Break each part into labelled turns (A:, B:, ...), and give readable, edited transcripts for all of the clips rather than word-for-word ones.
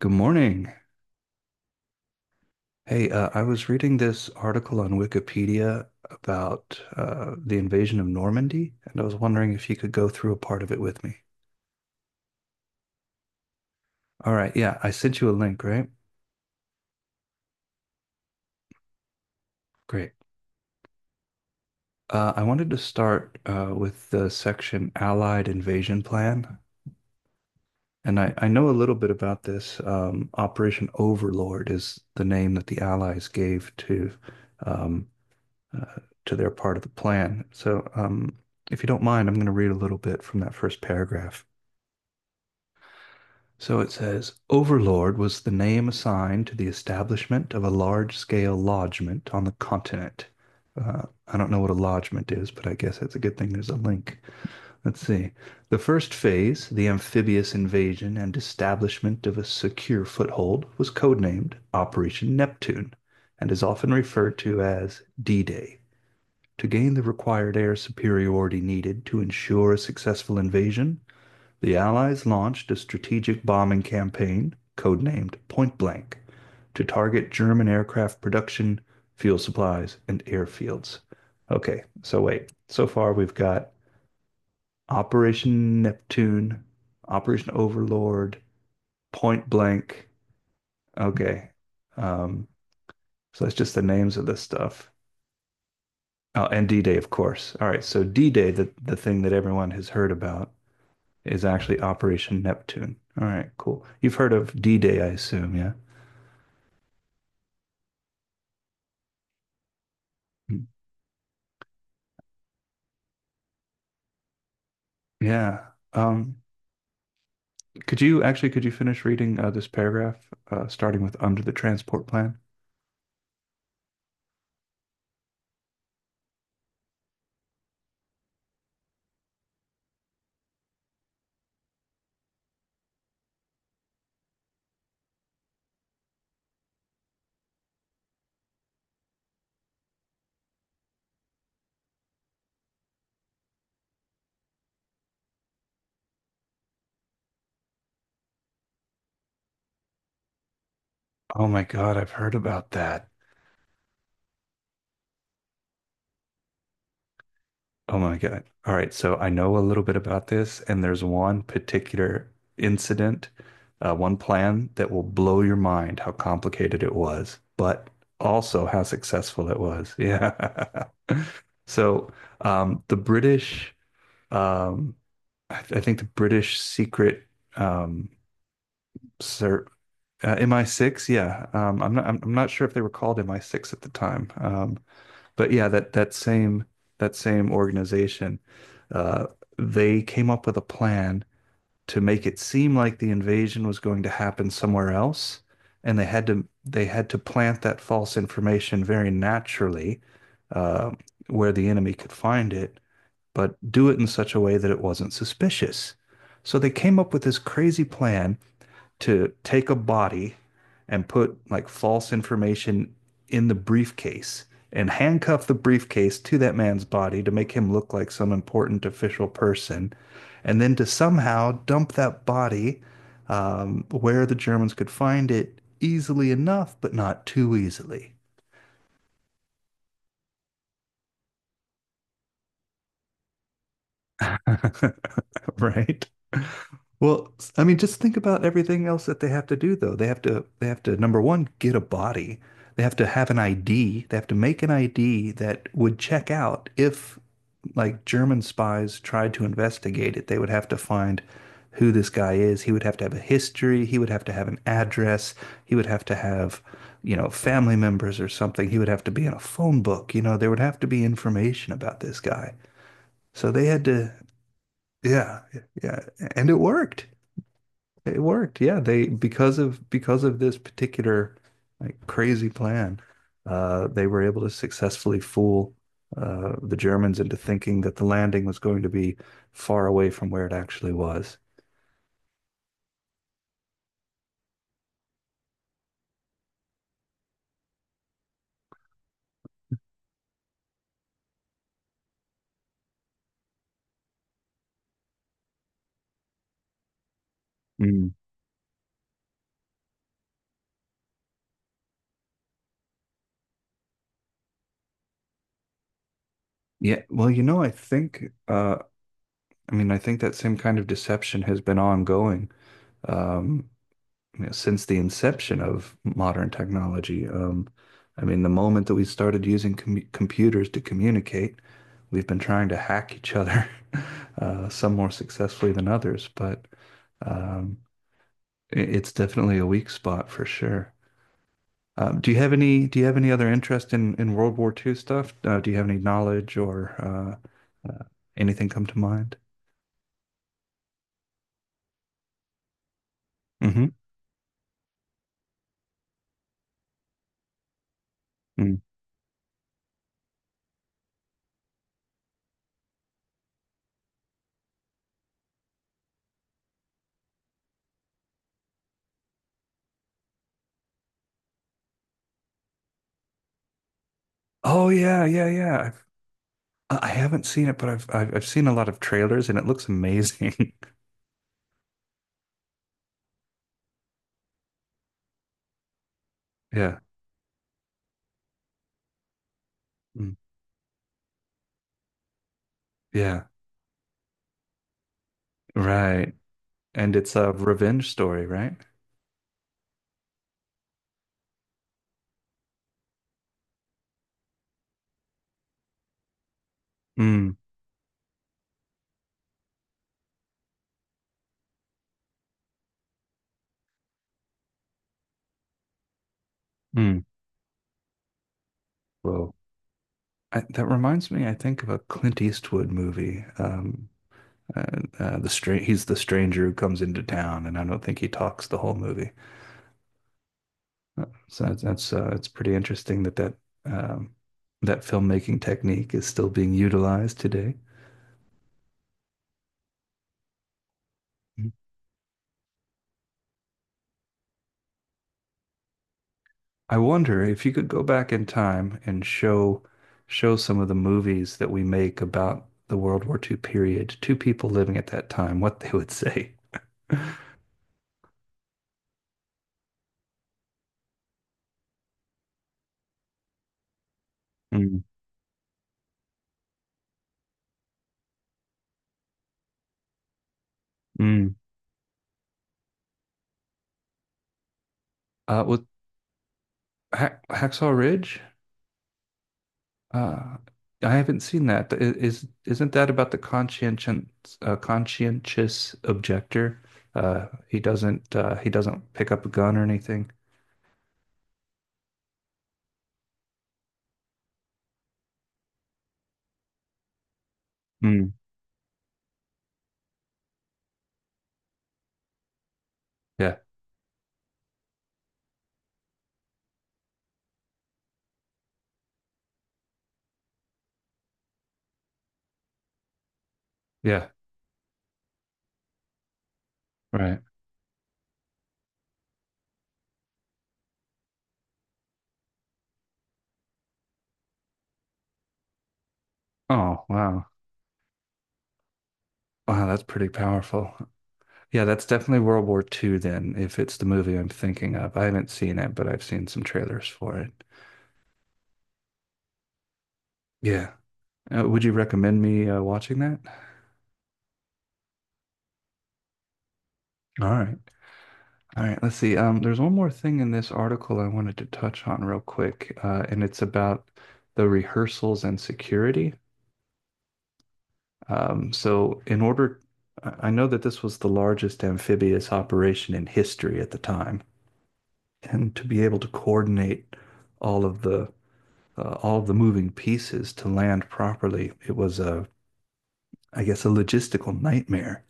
A: Good morning. Hey, I was reading this article on Wikipedia about the invasion of Normandy, and I was wondering if you could go through a part of it with me. All right, yeah, I sent you a link, right? Great. I wanted to start with the section Allied Invasion Plan, and I know a little bit about this. Operation Overlord is the name that the Allies gave um, uh, to their part of the plan. So, if you don't mind, I'm going to read a little bit from that first paragraph. So it says Overlord was the name assigned to the establishment of a large scale lodgment on the continent. Uh, I don't know what a lodgment is, but I guess that's a good thing there's a link. Let's see. The first phase, the amphibious invasion and establishment of a secure foothold, was codenamed Operation Neptune and is often referred to as D Day. To gain the required air superiority needed to ensure a successful invasion, the Allies launched a strategic bombing campaign, codenamed Point Blank, to target German aircraft production, fuel supplies, and airfields. Okay, so wait. So far, we've got Operation Neptune, Operation Overlord, Point Blank. Okay. Um, so that's just the names of this stuff. Oh, and D-Day, of course. All right, so D-Day, the thing that everyone has heard about, is actually Operation Neptune. All right, cool. You've heard of D-Day, I assume, yeah? Yeah. Um, could you finish reading this paragraph, starting with under the transport plan? Oh my God, I've heard about that. Oh my God. All right. So I know a little bit about this, and there's one particular incident, one plan that will blow your mind how complicated it was, but also how successful it was. Yeah. So the British, um, I think the British secret um, ser MI6. Yeah. I'm not sure if they were called MI6 at the time, but yeah, that same organization, uh, they came up with a plan to make it seem like the invasion was going to happen somewhere else, and they had to plant that false information very naturally, uh, where the enemy could find it, but do it in such a way that it wasn't suspicious. So they came up with this crazy plan to take a body and put like false information in the briefcase and handcuff the briefcase to that man's body to make him look like some important official person, and then to somehow dump that body where the Germans could find it easily enough, but not too easily, right? Well, I mean, just think about everything else that they have to do, though. Number one, get a body. They have to have an ID. They have to make an ID that would check out if, like, German spies tried to investigate it. They would have to find who this guy is. He would have to have a history. He would have to have an address. He would have to have, you know, family members or something. He would have to be in a phone book. You know, there would have to be information about this guy. So they had to, yeah, yeah, and it worked. It worked. Yeah, they because of this particular like crazy plan, they were able to successfully fool the Germans into thinking that the landing was going to be far away from where it actually was. Mm. Yeah, well, you know, I think I mean, I think that same kind of deception has been ongoing. Um, you know, since the inception of modern technology. I mean, the moment that we started using computers to communicate, we've been trying to hack each other, some more successfully than others, but um, it's definitely a weak spot for sure. Do you have any other interest in World War II stuff? Do you have any knowledge or uh, anything come to mind? Hmm. Oh yeah, yeah, yeah. I haven't seen it, but I've seen a lot of trailers and it looks amazing. Yeah. Mm. Yeah. Right. And it's a revenge story, right? Mm. Mm. Whoa. I, that reminds me, I think of a Clint Eastwood movie. Uh, the stra He's the stranger who comes into town, and I don't think he talks the whole movie. So that's it's pretty interesting that um, that filmmaking technique is still being utilized today. I wonder if you could go back in time and show some of the movies that we make about the World War II period to people living at that time, what they would say. Mm, mm. With Hacksaw Ridge, uh, I haven't seen that. Is isn't that about the conscientious conscientious objector? He doesn't pick up a gun or anything. Mm. Yeah, yeah, right. Oh, wow. Wow, that's pretty powerful. Yeah, that's definitely World War Two then, if it's the movie I'm thinking of. I haven't seen it, but I've seen some trailers for it. Yeah. Would you recommend me watching that? All right. All right. Let's see. There's one more thing in this article I wanted to touch on real quick, and it's about the rehearsals and security. So, in order, I know that this was the largest amphibious operation in history at the time, and to be able to coordinate all of the all the moving pieces to land properly. It was a, I guess, a logistical nightmare.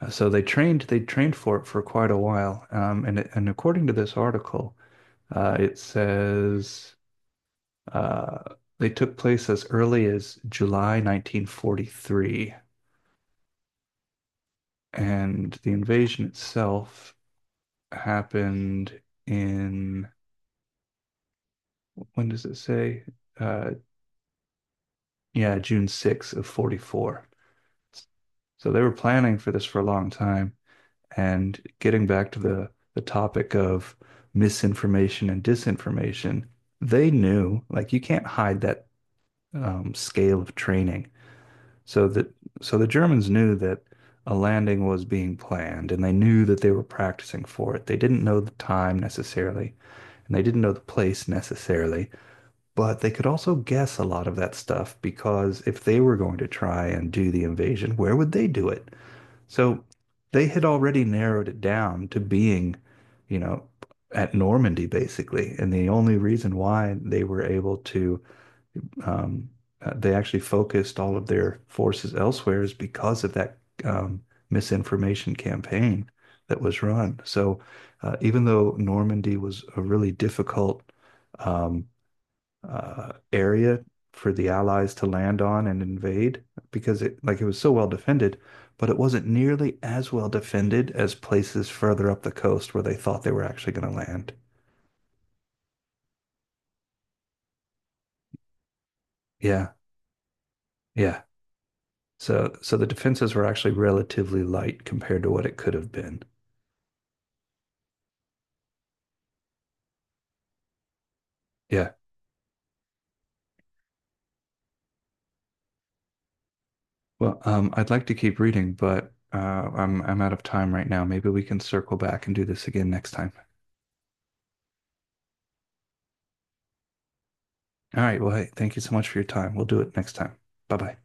A: So they trained for it for quite a while. And according to this article, it says uh, they took place as early as July 1943, and the invasion itself happened in when does it say? Uh, yeah, June 6 of 44. So they were planning for this for a long time. And getting back to the topic of misinformation and disinformation, they knew, like you can't hide that scale of training. So that so the Germans knew that a landing was being planned, and they knew that they were practicing for it. They didn't know the time necessarily, and they didn't know the place necessarily, but they could also guess a lot of that stuff because if they were going to try and do the invasion, where would they do it? So they had already narrowed it down to being, you know, at Normandy basically. And the only reason why they were able to, um, they actually focused all of their forces elsewhere is because of that um, misinformation campaign that was run. So even though Normandy was a really difficult um, area for the Allies to land on and invade because it was so well defended, but it wasn't nearly as well defended as places further up the coast where they thought they were actually going to land. Yeah, yeah. So the defenses were actually relatively light compared to what it could have been. Yeah. Well, I'd like to keep reading, but I'm out of time right now. Maybe we can circle back and do this again next time. All right. Well, hey, thank you so much for your time. We'll do it next time. Bye bye.